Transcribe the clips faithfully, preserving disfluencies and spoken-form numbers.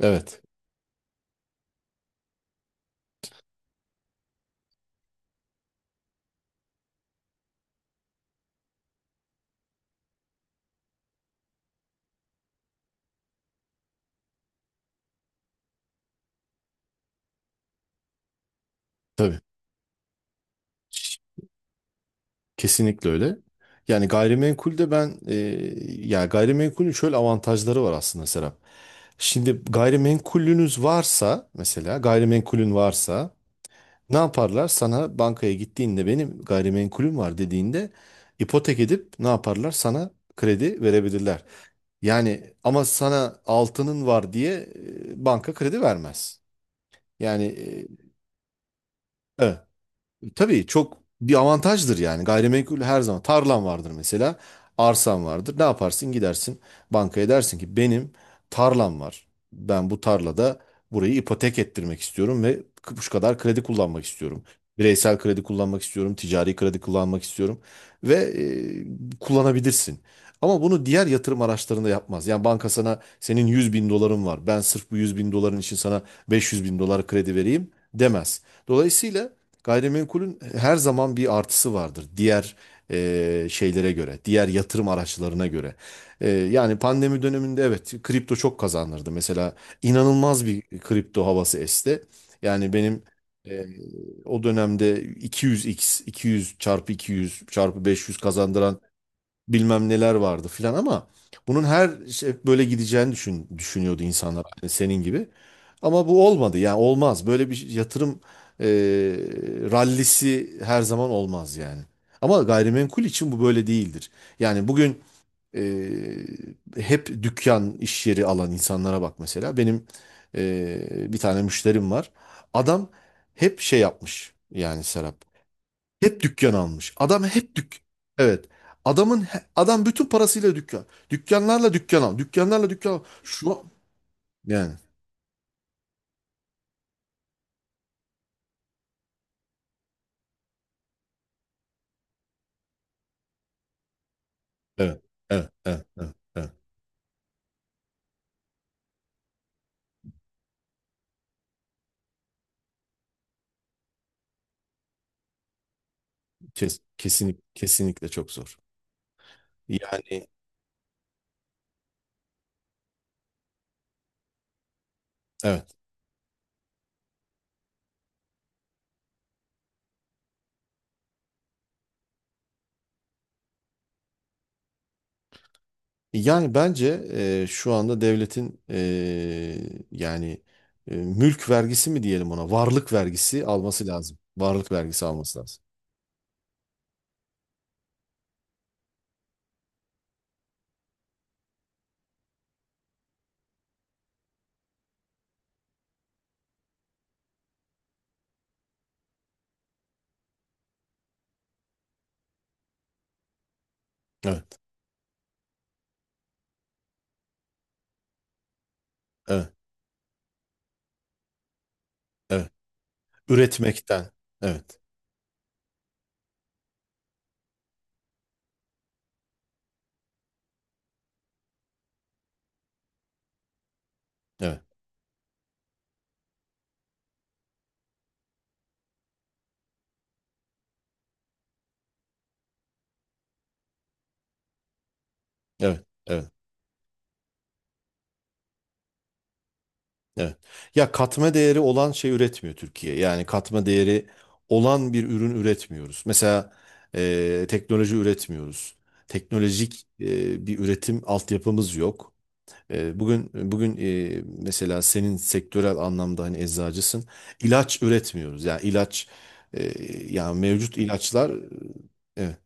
Evet, tabii. Kesinlikle öyle. Yani gayrimenkulde ben e, ya gayrimenkulün şöyle avantajları var aslında Serap. Şimdi gayrimenkulünüz varsa mesela gayrimenkulün varsa ne yaparlar? Sana bankaya gittiğinde benim gayrimenkulüm var dediğinde ipotek edip ne yaparlar? Sana kredi verebilirler. Yani ama sana altının var diye e, banka kredi vermez. Yani e, evet. E, Tabii çok bir avantajdır yani. Gayrimenkul her zaman tarlan vardır mesela. Arsan vardır. Ne yaparsın? Gidersin bankaya dersin ki benim tarlam var. Ben bu tarlada burayı ipotek ettirmek istiyorum ve şu kadar kredi kullanmak istiyorum. Bireysel kredi kullanmak istiyorum, ticari kredi kullanmak istiyorum ve e, kullanabilirsin. Ama bunu diğer yatırım araçlarında yapmaz. Yani banka sana senin yüz bin doların var. Ben sırf bu yüz bin doların için sana beş yüz bin dolar kredi vereyim demez. Dolayısıyla Gayrimenkulün her zaman bir artısı vardır diğer e, şeylere göre, diğer yatırım araçlarına göre. E, yani pandemi döneminde evet kripto çok kazandırdı. Mesela inanılmaz bir kripto havası esti. Yani benim e, o dönemde iki yüz çarpı, iki yüz çarpı iki yüz çarpı beş yüz kazandıran bilmem neler vardı filan ama bunun her şey böyle gideceğini düşün, düşünüyordu insanlar hani senin gibi. Ama bu olmadı yani olmaz böyle bir yatırım e, rallisi her zaman olmaz yani. Ama gayrimenkul için bu böyle değildir. Yani bugün e, hep dükkan iş yeri alan insanlara bak mesela benim e, bir tane müşterim var. Adam hep şey yapmış yani Serap. Hep dükkan almış. Adam hep dük. Evet. Adamın he- adam bütün parasıyla dükkan. Dükkanlarla dükkan al. Dükkanlarla dükkan al. Şu an- yani evet. Evet. Evet. Evet. Evet. Kes, kesinlik, kesinlikle çok zor. Yani evet. Yani bence e, şu anda devletin e, yani e, mülk vergisi mi diyelim ona? Varlık vergisi alması lazım. Varlık vergisi alması lazım. Evet. Evet. Evet. Üretmekten. Evet. Evet. Evet. Evet. Evet. Ya katma değeri olan şey üretmiyor Türkiye. Yani katma değeri olan bir ürün üretmiyoruz. Mesela e, teknoloji üretmiyoruz. Teknolojik e, bir üretim altyapımız yok. E, bugün bugün e, mesela senin sektörel anlamda hani eczacısın. İlaç üretmiyoruz. Yani ilaç e, yani mevcut ilaçlar e,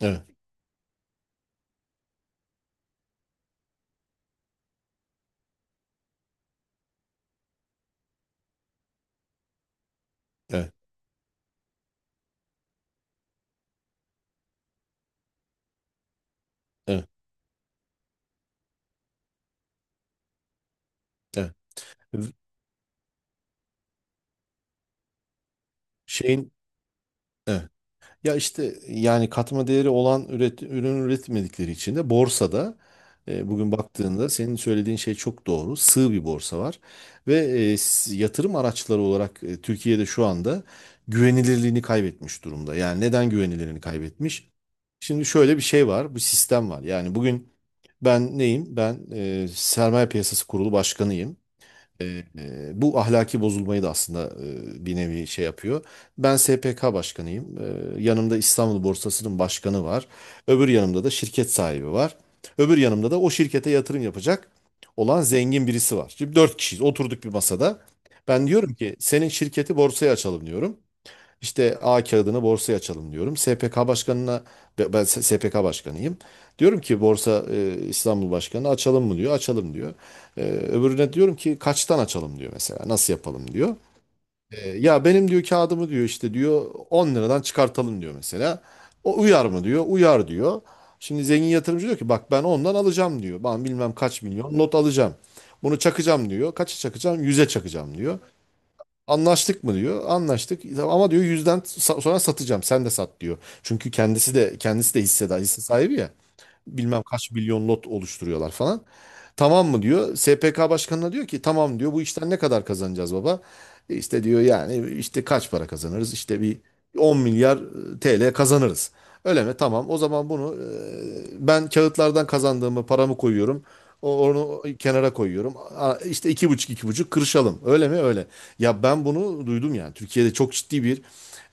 evet evet evet evet evet. Şeyin evet. Ya işte yani katma değeri olan üret, ürün üretmedikleri için de borsada e, bugün baktığında senin söylediğin şey çok doğru. Sığ bir borsa var ve e, s- yatırım araçları olarak e, Türkiye'de şu anda güvenilirliğini kaybetmiş durumda. Yani neden güvenilirliğini kaybetmiş? Şimdi şöyle bir şey var, bu sistem var. Yani bugün ben neyim? Ben e, Sermaye Piyasası Kurulu Başkanıyım. E, e, bu ahlaki bozulmayı da aslında e, bir nevi şey yapıyor. Ben S P K başkanıyım. E, yanımda İstanbul Borsası'nın başkanı var. Öbür yanımda da şirket sahibi var. Öbür yanımda da o şirkete yatırım yapacak olan zengin birisi var. Şimdi dört kişiyiz. Oturduk bir masada. Ben diyorum ki senin şirketi borsaya açalım diyorum. İşte A kağıdını borsaya açalım diyorum. S P K başkanına be- ben S- SPK başkanıyım. Diyorum ki Borsa e, İstanbul Başkanı açalım mı diyor. Açalım diyor. E, öbürüne diyorum ki kaçtan açalım diyor mesela. Nasıl yapalım diyor. E, ya benim diyor kağıdımı diyor işte diyor on liradan çıkartalım diyor mesela. O uyar mı diyor. Uyar diyor. Şimdi zengin yatırımcı diyor ki bak ben ondan alacağım diyor. Ben bilmem kaç milyon not alacağım. Bunu çakacağım diyor. Kaça çakacağım? yüze çakacağım diyor. Anlaştık mı diyor. Anlaştık. Tamam. Ama diyor yüzden sa- sonra satacağım. Sen de sat diyor. Çünkü kendisi de kendisi de hissedar, hisse sahibi ya. Bilmem kaç milyon lot oluşturuyorlar falan. Tamam mı diyor. S P K başkanına diyor ki tamam diyor. Bu işten ne kadar kazanacağız baba? E İşte diyor yani işte kaç para kazanırız? İşte bir on milyar e, T L kazanırız. Öyle mi? Tamam. O zaman bunu e, ben kağıtlardan kazandığımı paramı koyuyorum. O- Onu kenara koyuyorum. Aa, İşte iki buçuk iki buçuk kırışalım. Öyle mi? Öyle. Ya ben bunu duydum yani. Türkiye'de çok ciddi bir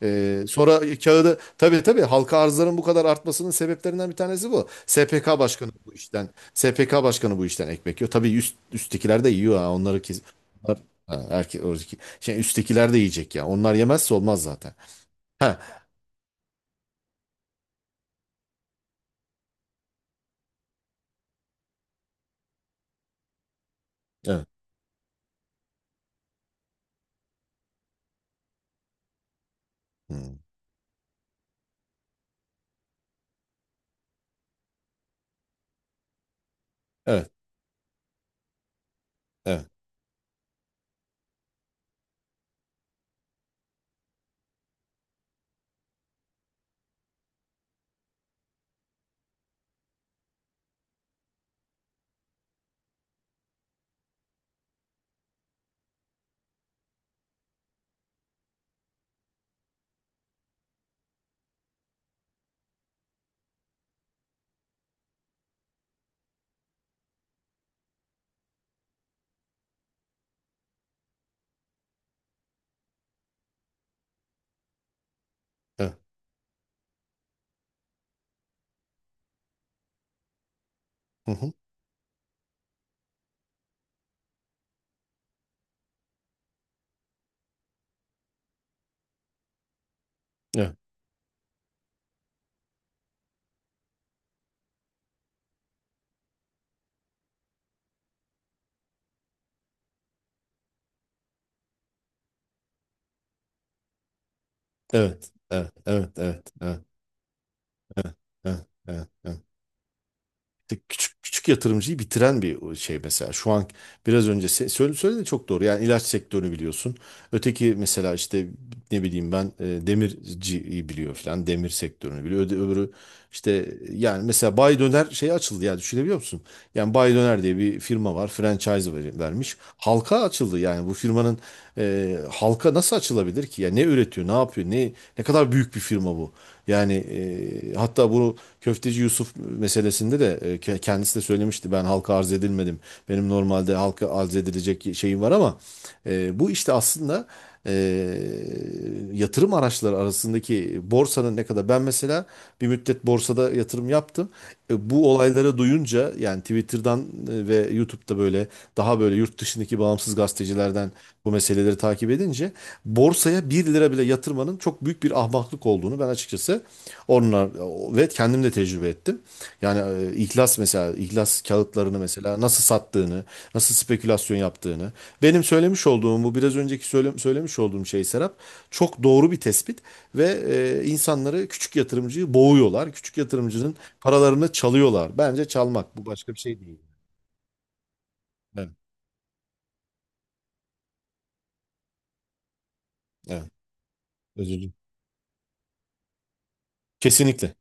e, sonra kağıdı tabii tabii halka arzların bu kadar artmasının sebeplerinden bir tanesi bu. S P K başkanı bu işten. S P K başkanı bu işten ekmek yiyor. Tabii üst, üsttekiler de yiyor ha. Onları kes. Onlar, ha, erke, oradaki- şey, üsttekiler de yiyecek ya. Onlar yemezse olmaz zaten. Ha, evet. Hmm. Evet. Evet. Evet. Hı hı. Evet. Evet, evet, evet, evet, evet, evet, evet, evet. İşte Küçük küçük yatırımcıyı bitiren bir şey mesela. Şu an biraz önce se- söyle söyledi çok doğru. Yani ilaç sektörünü biliyorsun. Öteki mesela işte ne bileyim ben e, demirciyi biliyor falan. Demir sektörünü biliyor. Öde- Öbürü işte yani mesela Bay Döner şey açıldı ya düşünebiliyor musun? Yani Bay Döner diye bir firma var. Franchise ver- vermiş. Halka açıldı yani bu firmanın e, halka nasıl açılabilir ki? Ya ne üretiyor, ne yapıyor, ne ne kadar büyük bir firma bu. Yani e, hatta bunu Köfteci Yusuf meselesinde de e, ke- kendisi de söylemişti. Ben halka arz edilmedim. Benim normalde halka arz edilecek şeyim var ama e, bu işte aslında e, yatırım araçları arasındaki borsanın ne kadar ben mesela bir müddet borsada yatırım yaptım. E, bu olayları duyunca yani Twitter'dan e, ve YouTube'da böyle daha böyle yurt dışındaki bağımsız gazetecilerden bu meseleleri takip edince borsaya bir lira bile yatırmanın çok büyük bir ahmaklık olduğunu ben açıkçası onlar ve kendim de tecrübe ettim. Yani e, İhlas mesela İhlas kağıtlarını mesela nasıl sattığını, nasıl spekülasyon yaptığını. Benim söylemiş olduğum bu biraz önceki söyle- söylemiş olduğum şey Serap çok doğru bir tespit ve e, insanları küçük yatırımcıyı boğuyorlar. Küçük yatırımcının paralarını çalıyorlar. Bence çalmak bu başka bir şey değil. Evet, evet. Özür dilerim. Kesinlikle.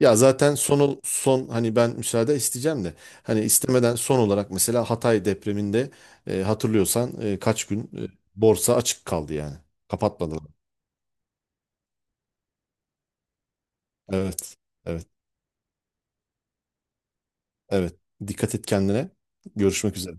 Ya zaten son son hani ben müsaade isteyeceğim de hani istemeden son olarak mesela Hatay depreminde e, hatırlıyorsan e, kaç gün e, borsa açık kaldı yani. Kapatmadılar. Evet. Evet. Evet. Dikkat et kendine. Görüşmek üzere.